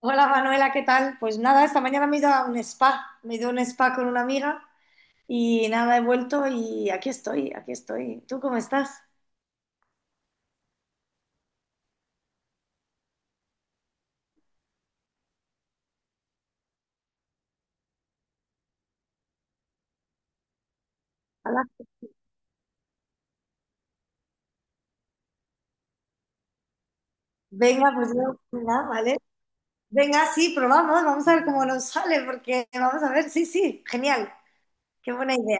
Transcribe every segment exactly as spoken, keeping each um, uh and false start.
Hola Manuela, ¿qué tal? Pues nada, esta mañana me he ido a un spa, me he ido a un spa con una amiga y nada, he vuelto y aquí estoy, aquí estoy. ¿Tú cómo estás? Hola. Venga, pues yo, nada, ¿vale? Venga, sí, probamos, vamos a ver cómo nos sale, porque vamos a ver, sí, sí, genial, qué buena idea.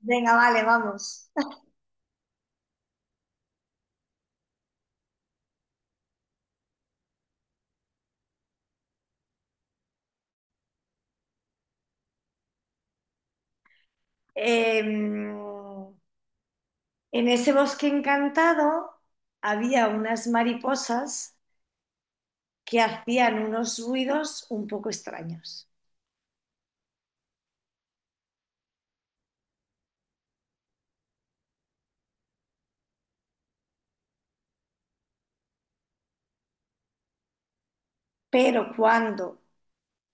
Venga, vale, vamos. Em, en ese bosque encantado había unas mariposas que hacían unos ruidos un poco extraños. Pero cuando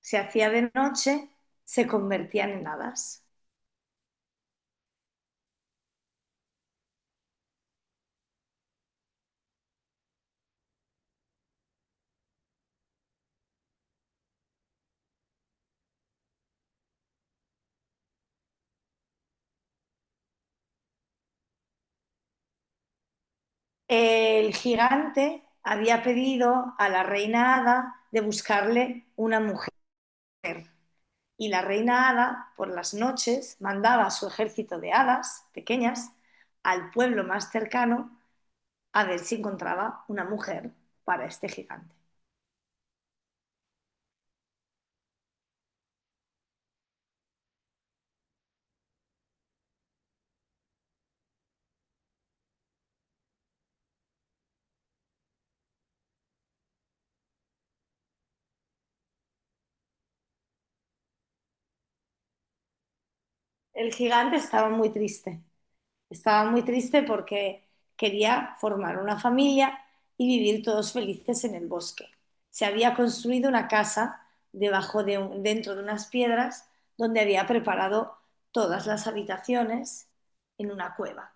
se hacía de noche, se convertían en hadas. El gigante había pedido a la reina hada de buscarle una mujer, y la reina hada por las noches mandaba a su ejército de hadas pequeñas al pueblo más cercano a ver si encontraba una mujer para este gigante. El gigante estaba muy triste. Estaba muy triste porque quería formar una familia y vivir todos felices en el bosque. Se había construido una casa debajo de un- dentro de unas piedras donde había preparado todas las habitaciones en una cueva.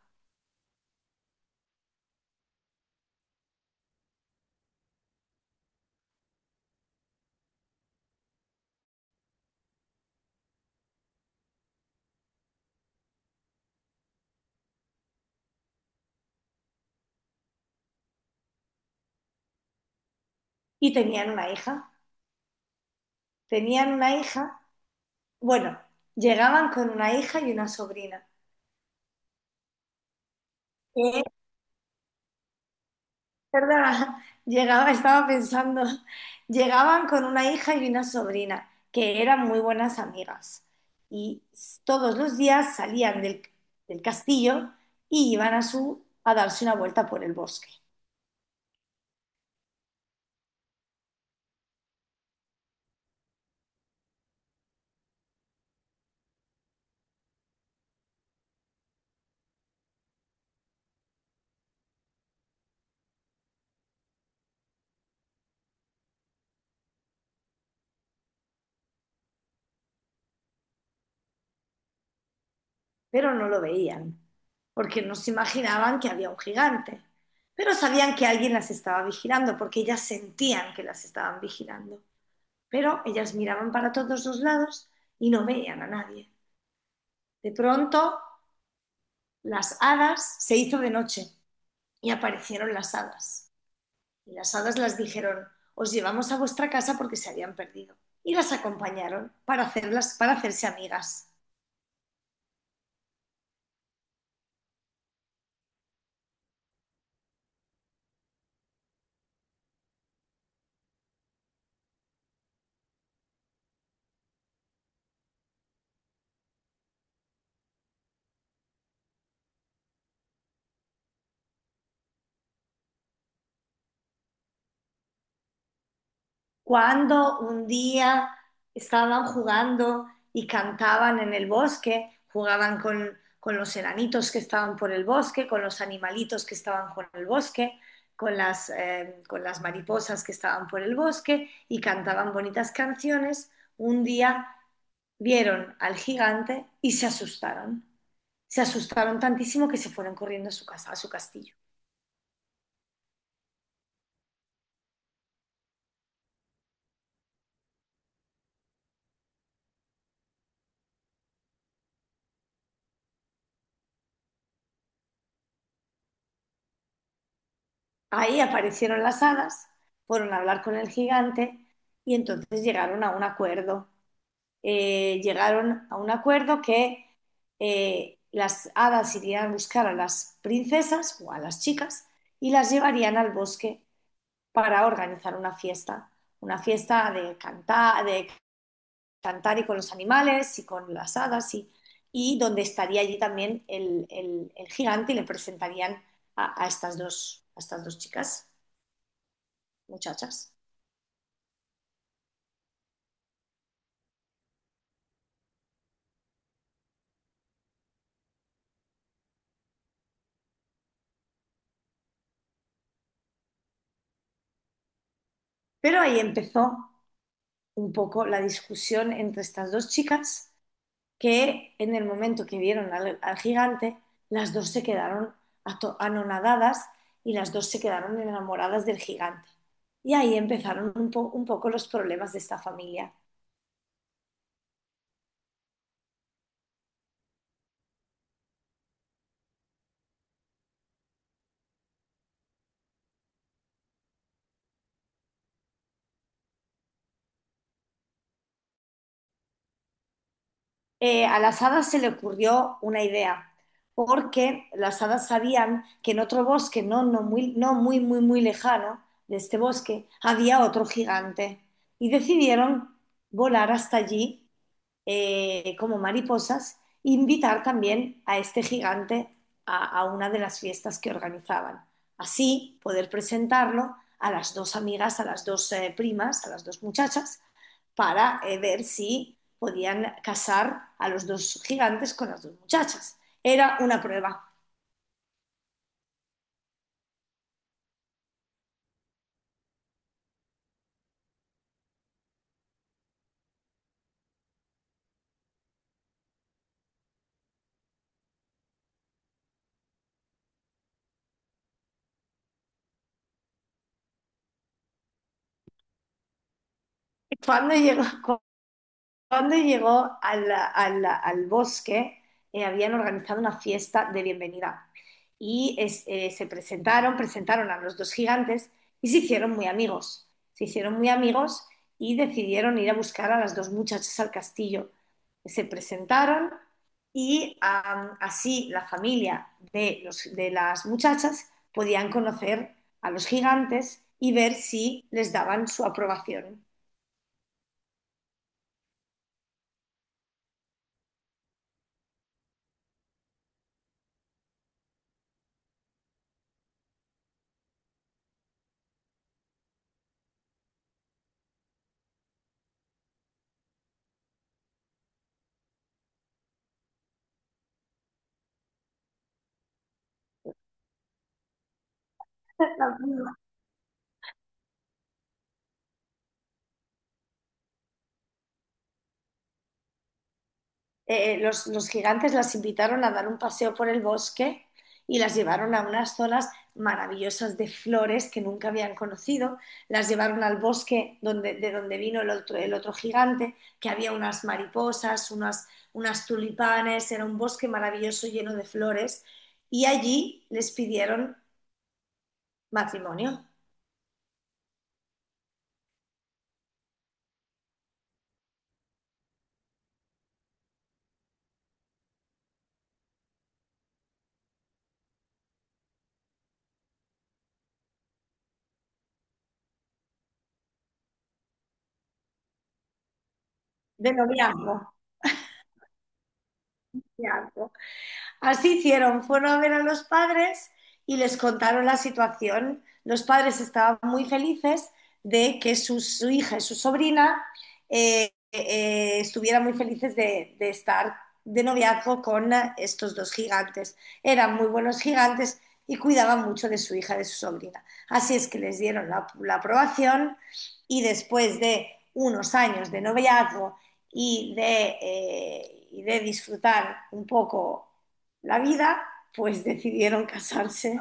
Y tenían una hija. Tenían una hija, bueno, llegaban con una hija y una sobrina. Eh, ¿Verdad? Llegaba, estaba pensando, llegaban con una hija y una sobrina, que eran muy buenas amigas. Y s- todos los días salían del, del castillo y iban a, su, a darse una vuelta por el bosque, pero no lo veían, porque no se imaginaban que había un gigante. Pero sabían que alguien las estaba vigilando, porque ellas sentían que las estaban vigilando. Pero ellas miraban para todos los lados y no veían a nadie. De pronto las hadas, se hizo de noche y aparecieron las hadas. Y las hadas las dijeron, os llevamos a vuestra casa porque se habían perdido. Y las acompañaron para, hacerlas, para hacerse amigas. Cuando un día estaban jugando y cantaban en el bosque, jugaban con, con los enanitos que estaban por el bosque, con los animalitos que estaban por el bosque, con las, eh, con las mariposas que estaban por el bosque y cantaban bonitas canciones, un día vieron al gigante y se asustaron. Se asustaron tantísimo que se fueron corriendo a su casa, a su castillo. Ahí aparecieron las hadas, fueron a hablar con el gigante y entonces llegaron a un acuerdo. Eh, llegaron a un acuerdo que eh, las hadas irían a buscar a las princesas o a las chicas y las llevarían al bosque para organizar una fiesta, una fiesta de cantar, de cantar, y con los animales y con las hadas, y, y donde estaría allí también el, el- el gigante, y le presentarían a, a estas dos, a estas dos chicas, muchachas. Pero ahí empezó un poco la discusión entre estas dos chicas, que en el momento que vieron al, al gigante, las dos se quedaron anonadadas y las dos se quedaron enamoradas del gigante. Y ahí empezaron un, po- un poco los problemas de esta familia. Eh, a las hadas se le ocurrió una idea, porque las hadas sabían que en otro bosque, no, no muy, no muy, muy, muy lejano de este bosque, había otro gigante y decidieron volar hasta allí, eh, como mariposas, invitar también a este gigante a, a una de las fiestas que organizaban. Así poder presentarlo a las dos amigas, a las dos eh, primas, a las dos muchachas, para eh, ver si podían casar a los dos gigantes con las dos muchachas. Era una prueba. Cuando llegó, Cuando llegó al al al bosque, eh, habían organizado una fiesta de bienvenida y es- eh, se presentaron, presentaron a los dos gigantes y se hicieron muy amigos. Se hicieron muy amigos y decidieron ir a buscar a las dos muchachas al castillo. Se presentaron y am, así la familia de, los- de las muchachas podían conocer a los gigantes y ver si les daban su aprobación. eh, eh, los, los gigantes las invitaron a dar un paseo por el bosque y las llevaron a unas zonas maravillosas de flores que nunca habían conocido, las llevaron al bosque donde, de donde vino el otro, el otro gigante, que había unas mariposas, unas, unas tulipanes, era un bosque maravilloso lleno de flores, y allí les pidieron matrimonio, de noviazgo. Así hicieron, fueron a ver a los padres y les contaron la situación. Los padres estaban muy felices de que su, su hija y su sobrina eh, eh, estuvieran muy felices de, de estar de noviazgo con estos dos gigantes. Eran muy buenos gigantes y cuidaban mucho de su hija, y de su sobrina. Así es que les dieron la, la aprobación y después de unos años de noviazgo y de, eh, y de disfrutar un poco la vida, pues decidieron casarse.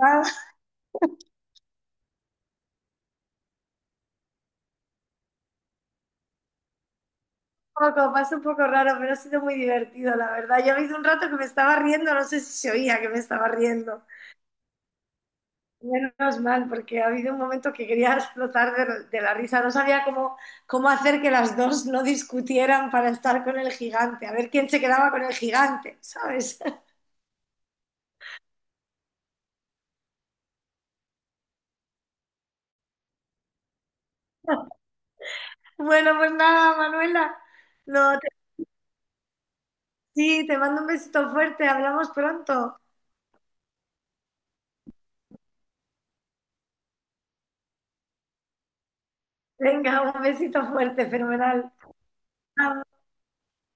Ah, un poco, pasa un poco raro, pero ha sido muy divertido, la verdad. Yo ha habido un rato que me estaba riendo, no sé si se oía que me estaba riendo. Menos mal, porque ha habido un momento que quería explotar de, de la risa. No sabía cómo, cómo hacer que las dos no discutieran para estar con el gigante, a ver quién se quedaba con el gigante, ¿sabes? Bueno, pues nada, Manuela. No, te- Sí, te mando un besito fuerte, hablamos pronto. Venga, un besito fuerte, fenomenal. Chao.